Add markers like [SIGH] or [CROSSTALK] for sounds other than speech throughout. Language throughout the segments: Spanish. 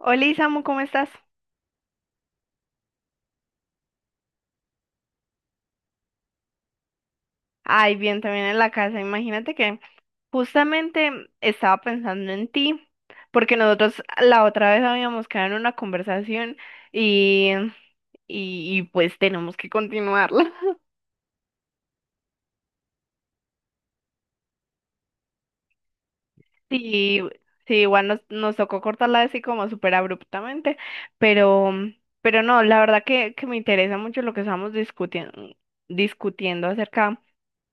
Hola Isamu, ¿cómo estás? Ay, bien, también en la casa. Imagínate que justamente estaba pensando en ti, porque nosotros la otra vez habíamos quedado en una conversación y, y pues tenemos que continuarla. [LAUGHS] Sí, sí, igual nos tocó cortarla así como súper abruptamente, pero, pero no, la verdad que me interesa mucho lo que estamos discutiendo, discutiendo acerca.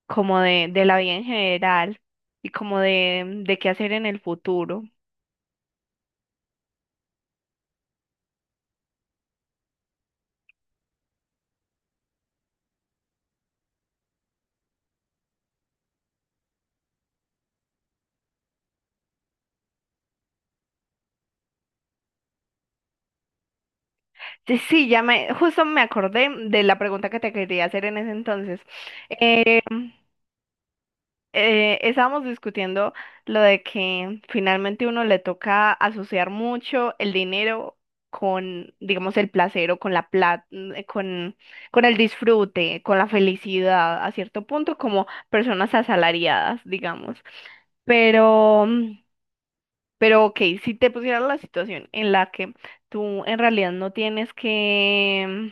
Como de la vida en general y como de qué hacer en el futuro. Sí, sí, ya me, justo me acordé de la pregunta que te quería hacer en ese entonces. Em, Estábamos discutiendo lo de que finalmente uno le toca asociar mucho el dinero con, digamos, el placer o con la plata, con, con el disfrute, con la felicidad, a cierto punto, como personas asalariadas, digamos. Pero Pero ok, si te pusieras la situación en la que tú en realidad no tienes que,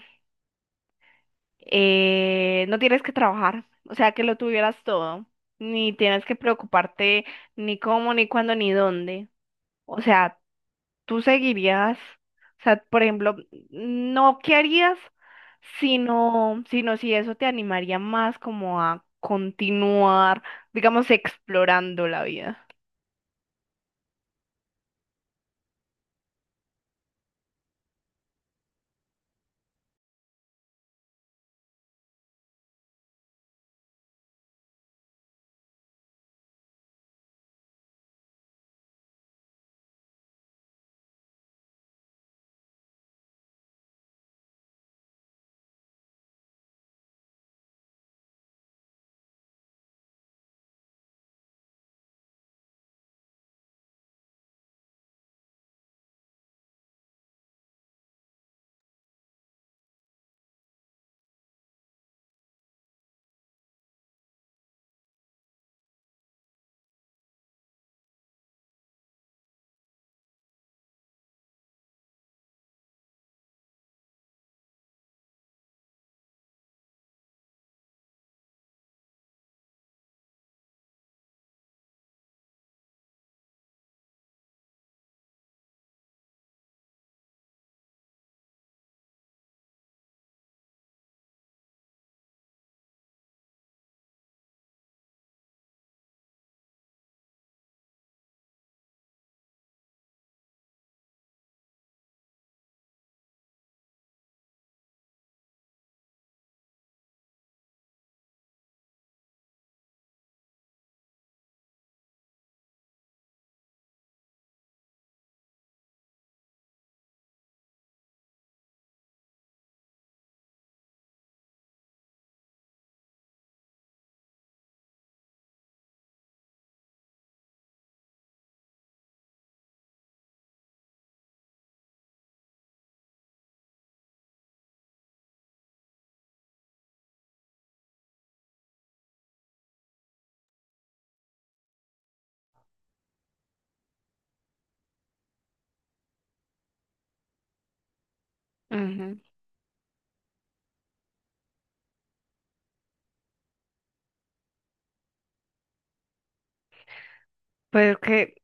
eh, no tienes que trabajar, o sea, que lo tuvieras todo, ni tienes que preocuparte ni cómo, ni cuándo, ni dónde. O sea, tú seguirías, o sea, por ejemplo, no qué harías, sino si eso te animaría más como a continuar, digamos, explorando la vida. Pues que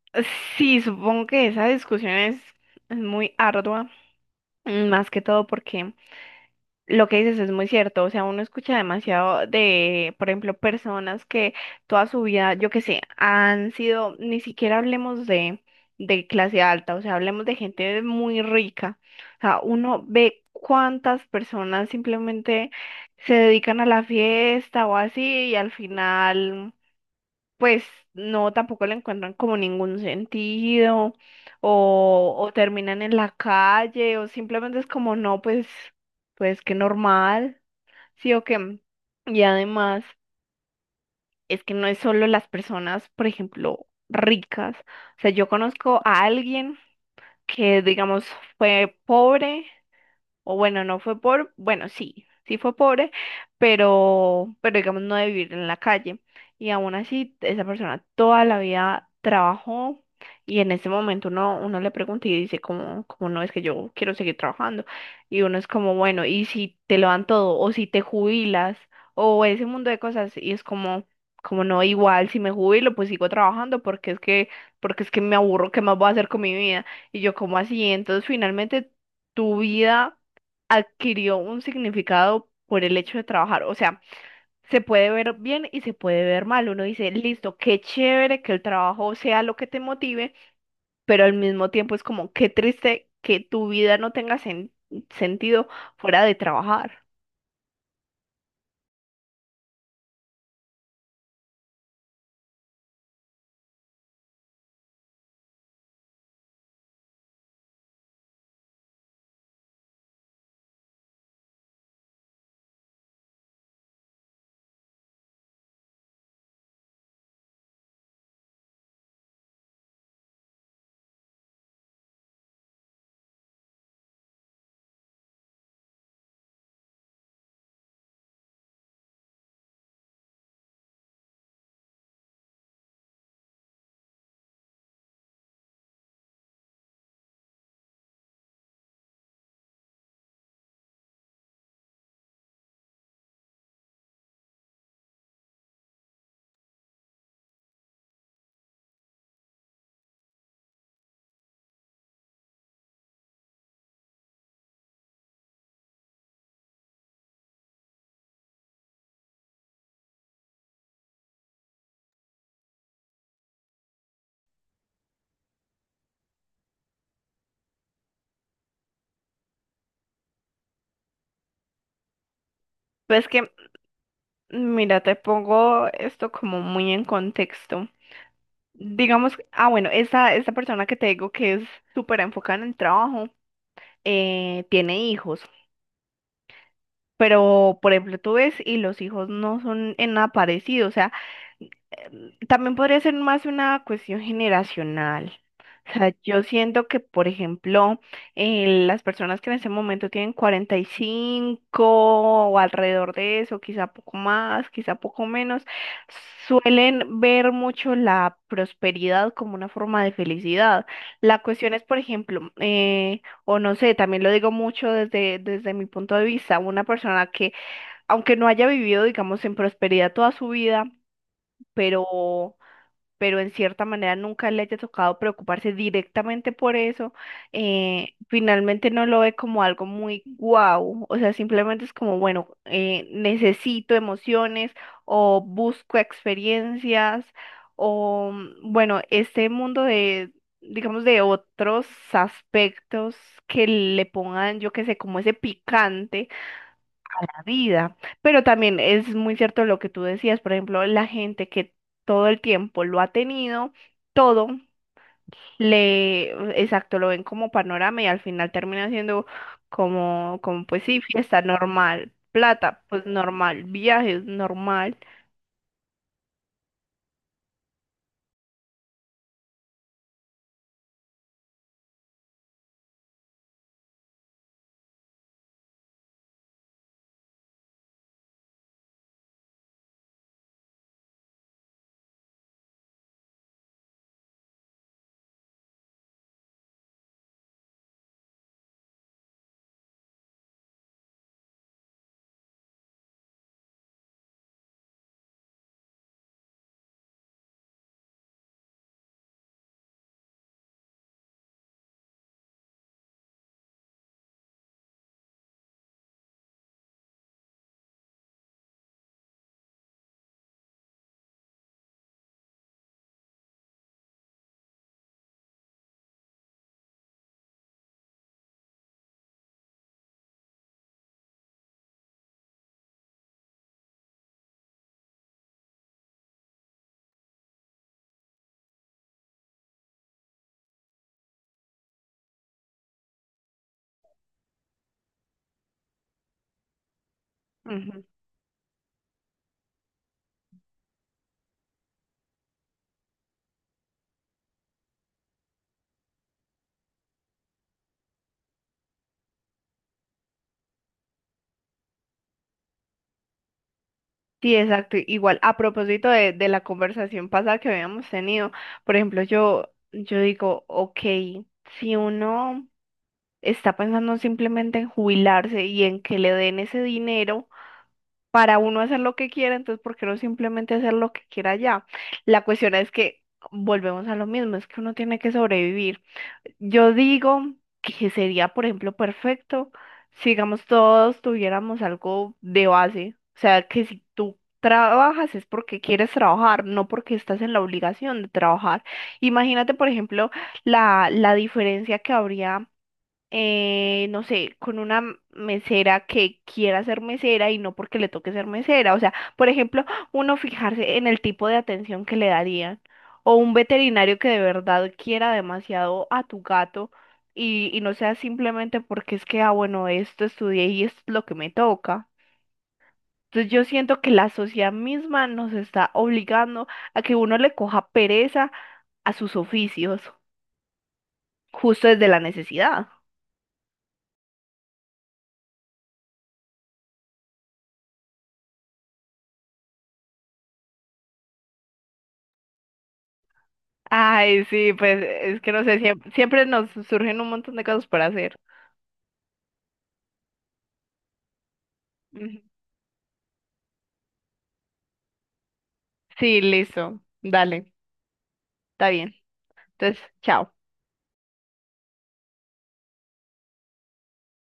sí, supongo que esa discusión es muy ardua, más que todo porque lo que dices es muy cierto, o sea, uno escucha demasiado de, por ejemplo, personas que toda su vida, yo qué sé, han sido, ni siquiera hablemos de clase alta, o sea, hablemos de gente muy rica, o sea, uno ve cuántas personas simplemente se dedican a la fiesta o así y al final pues no, tampoco le encuentran como ningún sentido o terminan en la calle o simplemente es como no, pues qué normal, sí o qué. Y además es que no es solo las personas, por ejemplo, ricas. O sea, yo conozco a alguien que, digamos, fue pobre o bueno, no fue por bueno, sí, sí fue pobre, pero digamos no de vivir en la calle. Y aún así, esa persona toda la vida trabajó y en ese momento uno le pregunta y dice, como, como no es que yo quiero seguir trabajando. Y uno es como, bueno, ¿y si te lo dan todo? ¿O si te jubilas? O ese mundo de cosas y es como, como no, igual si me jubilo, pues sigo trabajando porque es que me aburro, ¿qué más voy a hacer con mi vida? Y yo como así, entonces finalmente tu vida adquirió un significado por el hecho de trabajar. O sea, se puede ver bien y se puede ver mal. Uno dice, listo, qué chévere que el trabajo sea lo que te motive, pero al mismo tiempo es como, qué triste que tu vida no tenga sentido fuera de trabajar. Pues que, mira, te pongo esto como muy en contexto. Digamos, ah, bueno, esta persona que te digo que es súper enfocada en el trabajo, tiene hijos. Pero, por ejemplo, tú ves y los hijos no son en nada parecidos, o sea, también podría ser más una cuestión generacional. O sea, yo siento que, por ejemplo, las personas que en este momento tienen 45 o alrededor de eso, quizá poco más, quizá poco menos, suelen ver mucho la prosperidad como una forma de felicidad. La cuestión es, por ejemplo, o no sé, también lo digo mucho desde, desde mi punto de vista, una persona que, aunque no haya vivido, digamos, en prosperidad toda su vida, pero, pero en cierta manera nunca le haya tocado preocuparse directamente por eso, finalmente no lo ve como algo muy guau, o sea, simplemente es como, bueno, necesito emociones o busco experiencias o, mm, bueno, este mundo de... digamos, de otros aspectos que le pongan, yo qué sé, como ese picante la vida. Pero también es muy cierto lo que tú decías, por ejemplo, la gente que todo el tiempo lo ha tenido, todo, le, exacto, lo ven como panorama y al final termina siendo como, como pues sí, fiesta normal, plata, pues normal, viajes normal. Ujú. Sí, exacto. Igual, a propósito de la conversación pasada que habíamos tenido, por ejemplo, yo digo, ok, si uno está pensando simplemente en jubilarse y en que le den ese dinero para uno hacer lo que quiera, entonces, ¿por qué no simplemente hacer lo que quiera ya? La cuestión es que volvemos a lo mismo, es que uno tiene que sobrevivir. Yo digo que sería, por ejemplo, perfecto si, digamos, todos tuviéramos algo de base, o sea, que si tú... Trabajas es porque quieres trabajar, no porque estás en la obligación de trabajar. Imagínate, por ejemplo, la diferencia que habría no sé, con una mesera que quiera ser mesera y no porque le toque ser mesera. O sea, por ejemplo, uno fijarse en el tipo de atención que le darían. O un veterinario que de verdad quiera demasiado a tu gato y no sea simplemente porque es que, ah, bueno, esto estudié y esto es lo que me toca. Entonces yo siento que la sociedad misma nos está obligando a que uno le coja pereza a sus oficios, justo desde la necesidad. Ay, sí, pues es que no sé, siempre, siempre nos surgen un montón de cosas por hacer. Ujú. Sí, listo. Dale, está bien. Entonces, chao.